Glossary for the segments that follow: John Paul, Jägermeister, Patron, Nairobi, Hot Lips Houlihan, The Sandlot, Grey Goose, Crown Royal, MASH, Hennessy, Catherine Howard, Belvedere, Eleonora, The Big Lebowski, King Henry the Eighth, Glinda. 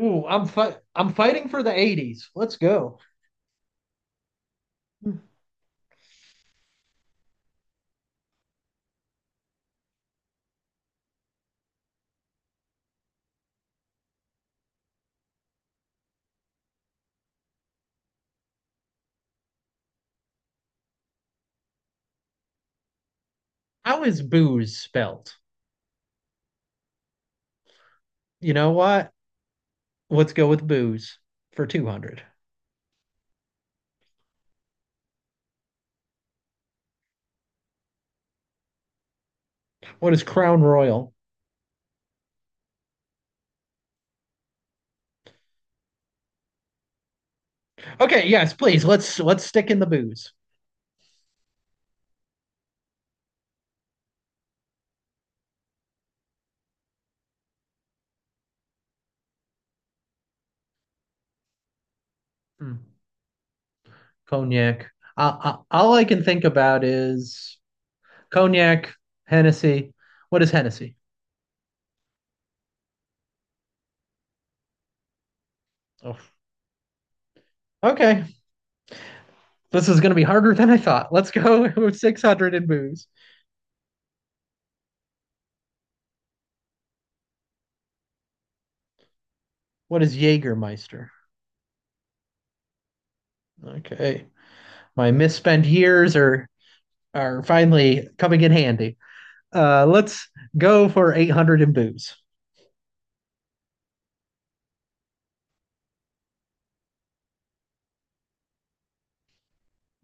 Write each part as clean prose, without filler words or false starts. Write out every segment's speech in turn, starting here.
Ooh, I'm fighting for the 80s. Let's go. How is booze spelt? You know what? Let's go with booze for 200. What is Crown Royal? Okay, yes, please. Let's stick in the booze. Hmm. Cognac. All I can think about is cognac, Hennessy. What is Hennessy? Oh, okay. This is going to be harder than I thought. Let's go with 600 in booze. What is Jägermeister? Okay. My misspent years are finally coming in handy. Let's go for 800 in booze.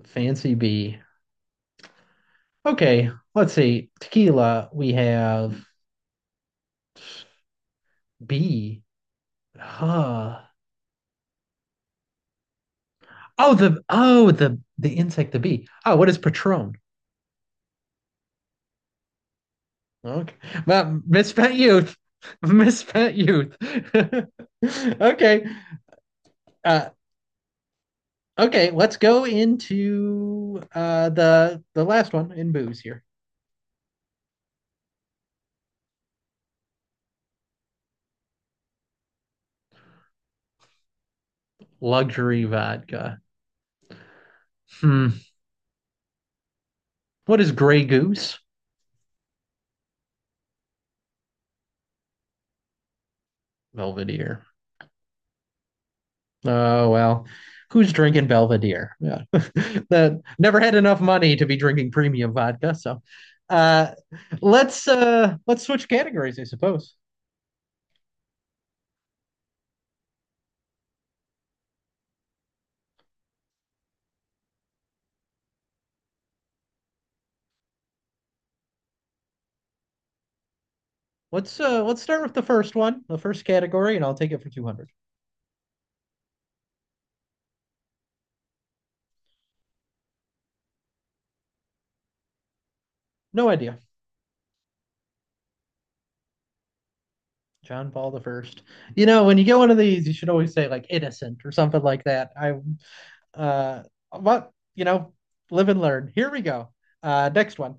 Fancy B. Okay, let's see. Tequila, we have B. Huh. Oh, the insect, the bee. Oh, what is Patron? Okay, well, misspent youth, misspent youth. okay, uh, okay. Let's go into the last one in booze here. Luxury vodka. Hmm. What is Grey Goose? Belvedere. Oh well, who's drinking Belvedere? Yeah, that never had enough money to be drinking premium vodka. So, uh, let's switch categories, I suppose. Let's start with the first one, the first category, and I'll take it for 200. No idea. John Paul the First. When you get one of these, you should always say like innocent or something like that. Uh, but live and learn. Here we go. Next one.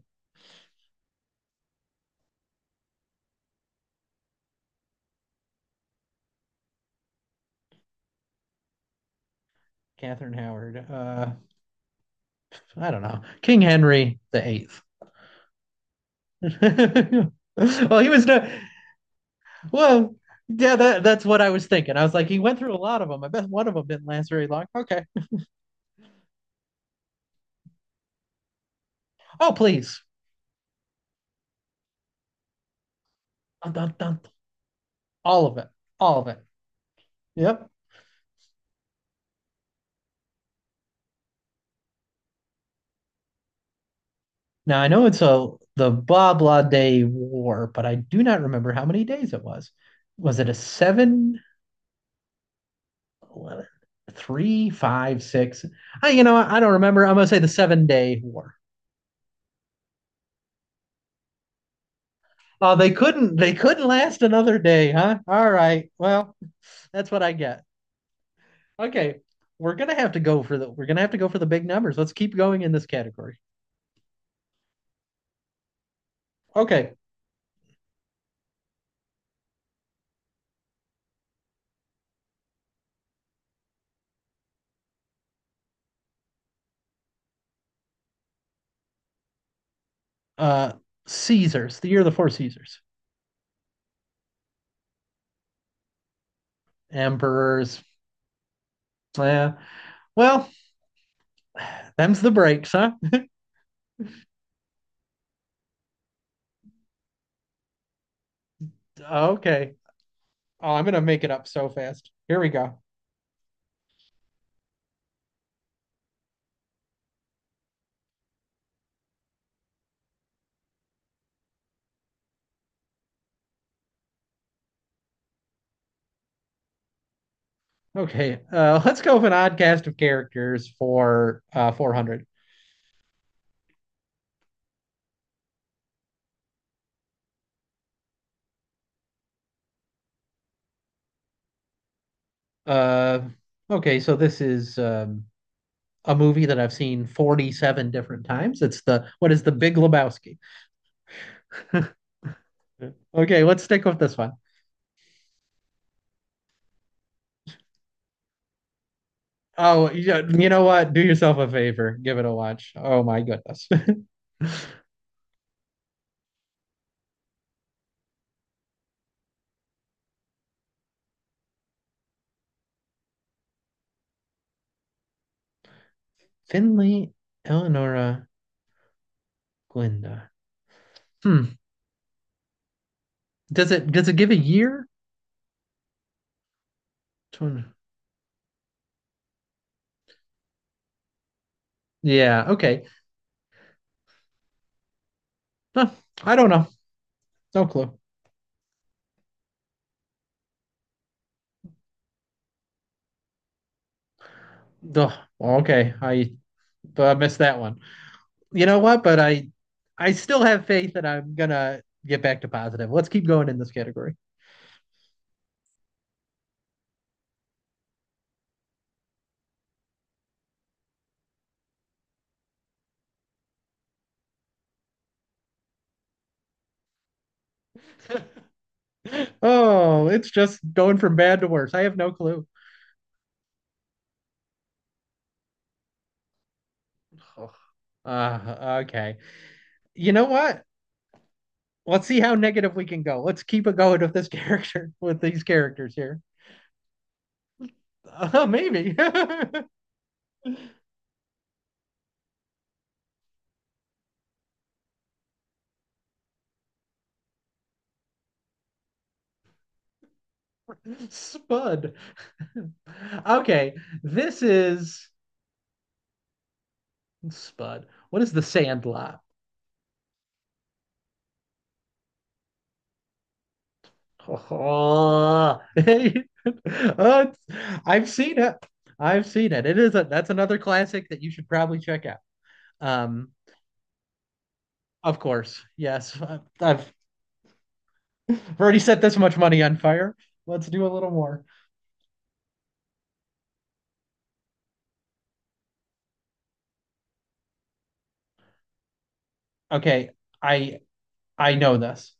Catherine Howard. I don't know, King Henry the Eighth. Well, he was no. Well, yeah, that's what I was thinking. I was like, he went through a lot of them. I bet one of them didn't last very long. Okay. Oh, please. Dun, dun, dun. All of it, all of it. Yep. Now I know it's a the blah day war, but I do not remember how many days it was. Was it a seven, 11, three, five, six? I don't remember. I'm gonna say the 7-day war. Oh, they couldn't last another day, huh? All right. Well, that's what I get. Okay. We're gonna have to go for the big numbers. Let's keep going in this category. Okay. Uh Caesars, the year of the four Caesars. Emperors. Yeah. Well, them's the breaks, huh? Okay. Oh, I'm gonna make it up so fast. Here we go. Okay. Let's go with an odd cast of characters for 400. Uh okay, so this is a movie that I've seen 47 different times. It's the What is the Big Lebowski? Okay, let's stick with this one. Oh, yeah, you know what? Do yourself a favor, give it a watch. Oh my goodness. Finley, Eleonora, Glinda. Hmm. Does it give a year? Yeah, okay. No, I don't know. No clue. Duh. Okay, I missed that one. You know what? But I still have faith that I'm gonna get back to positive. Let's keep going in this category. Oh, it's just going from bad to worse. I have no clue. Ugh. Okay. You know what? Let's see how negative we can go. Let's keep it going with this character, with these characters here. Maybe. Spud. Okay, this is Spud. What is the Sandlot? Oh, uh, I've seen it. I've seen it. It is a That's another classic that you should probably check out. Um, of course, yes. I've already set this much money on fire. Let's do a little more. Okay, I I know this.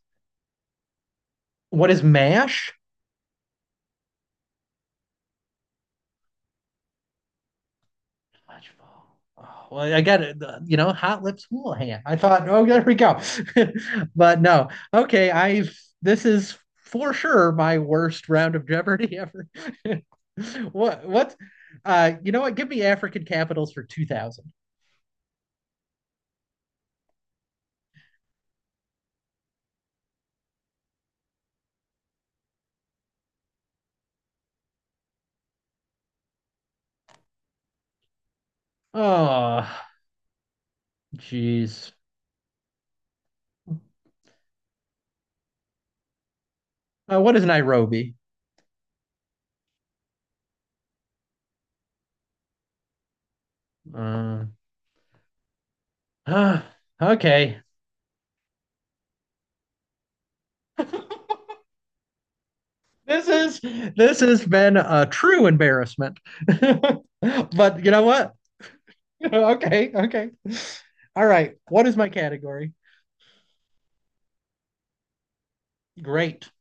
What is Mash? Fudgefall. Oh, well, I got it. Hot Lips Houlihan. I thought, oh, there we go. But no, okay. I've This is for sure my worst round of Jeopardy ever. What? What? You know what? Give me African capitals for 2000. Oh, jeez. What is Nairobi? Uh, uh, okay. This is this has been a true embarrassment. But you know what? Okay, okay. All right. What is my category? Great.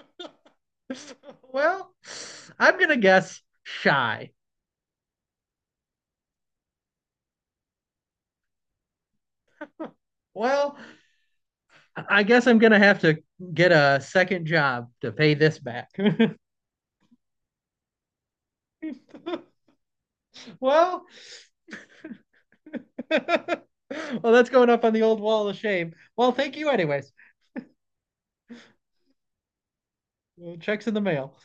Well, I'm gonna guess shy. Well, I guess I'm gonna have to get a second job to pay this back. well, well, that's going up on the old wall of shame. Well, thank you, anyways. Checks in the mail.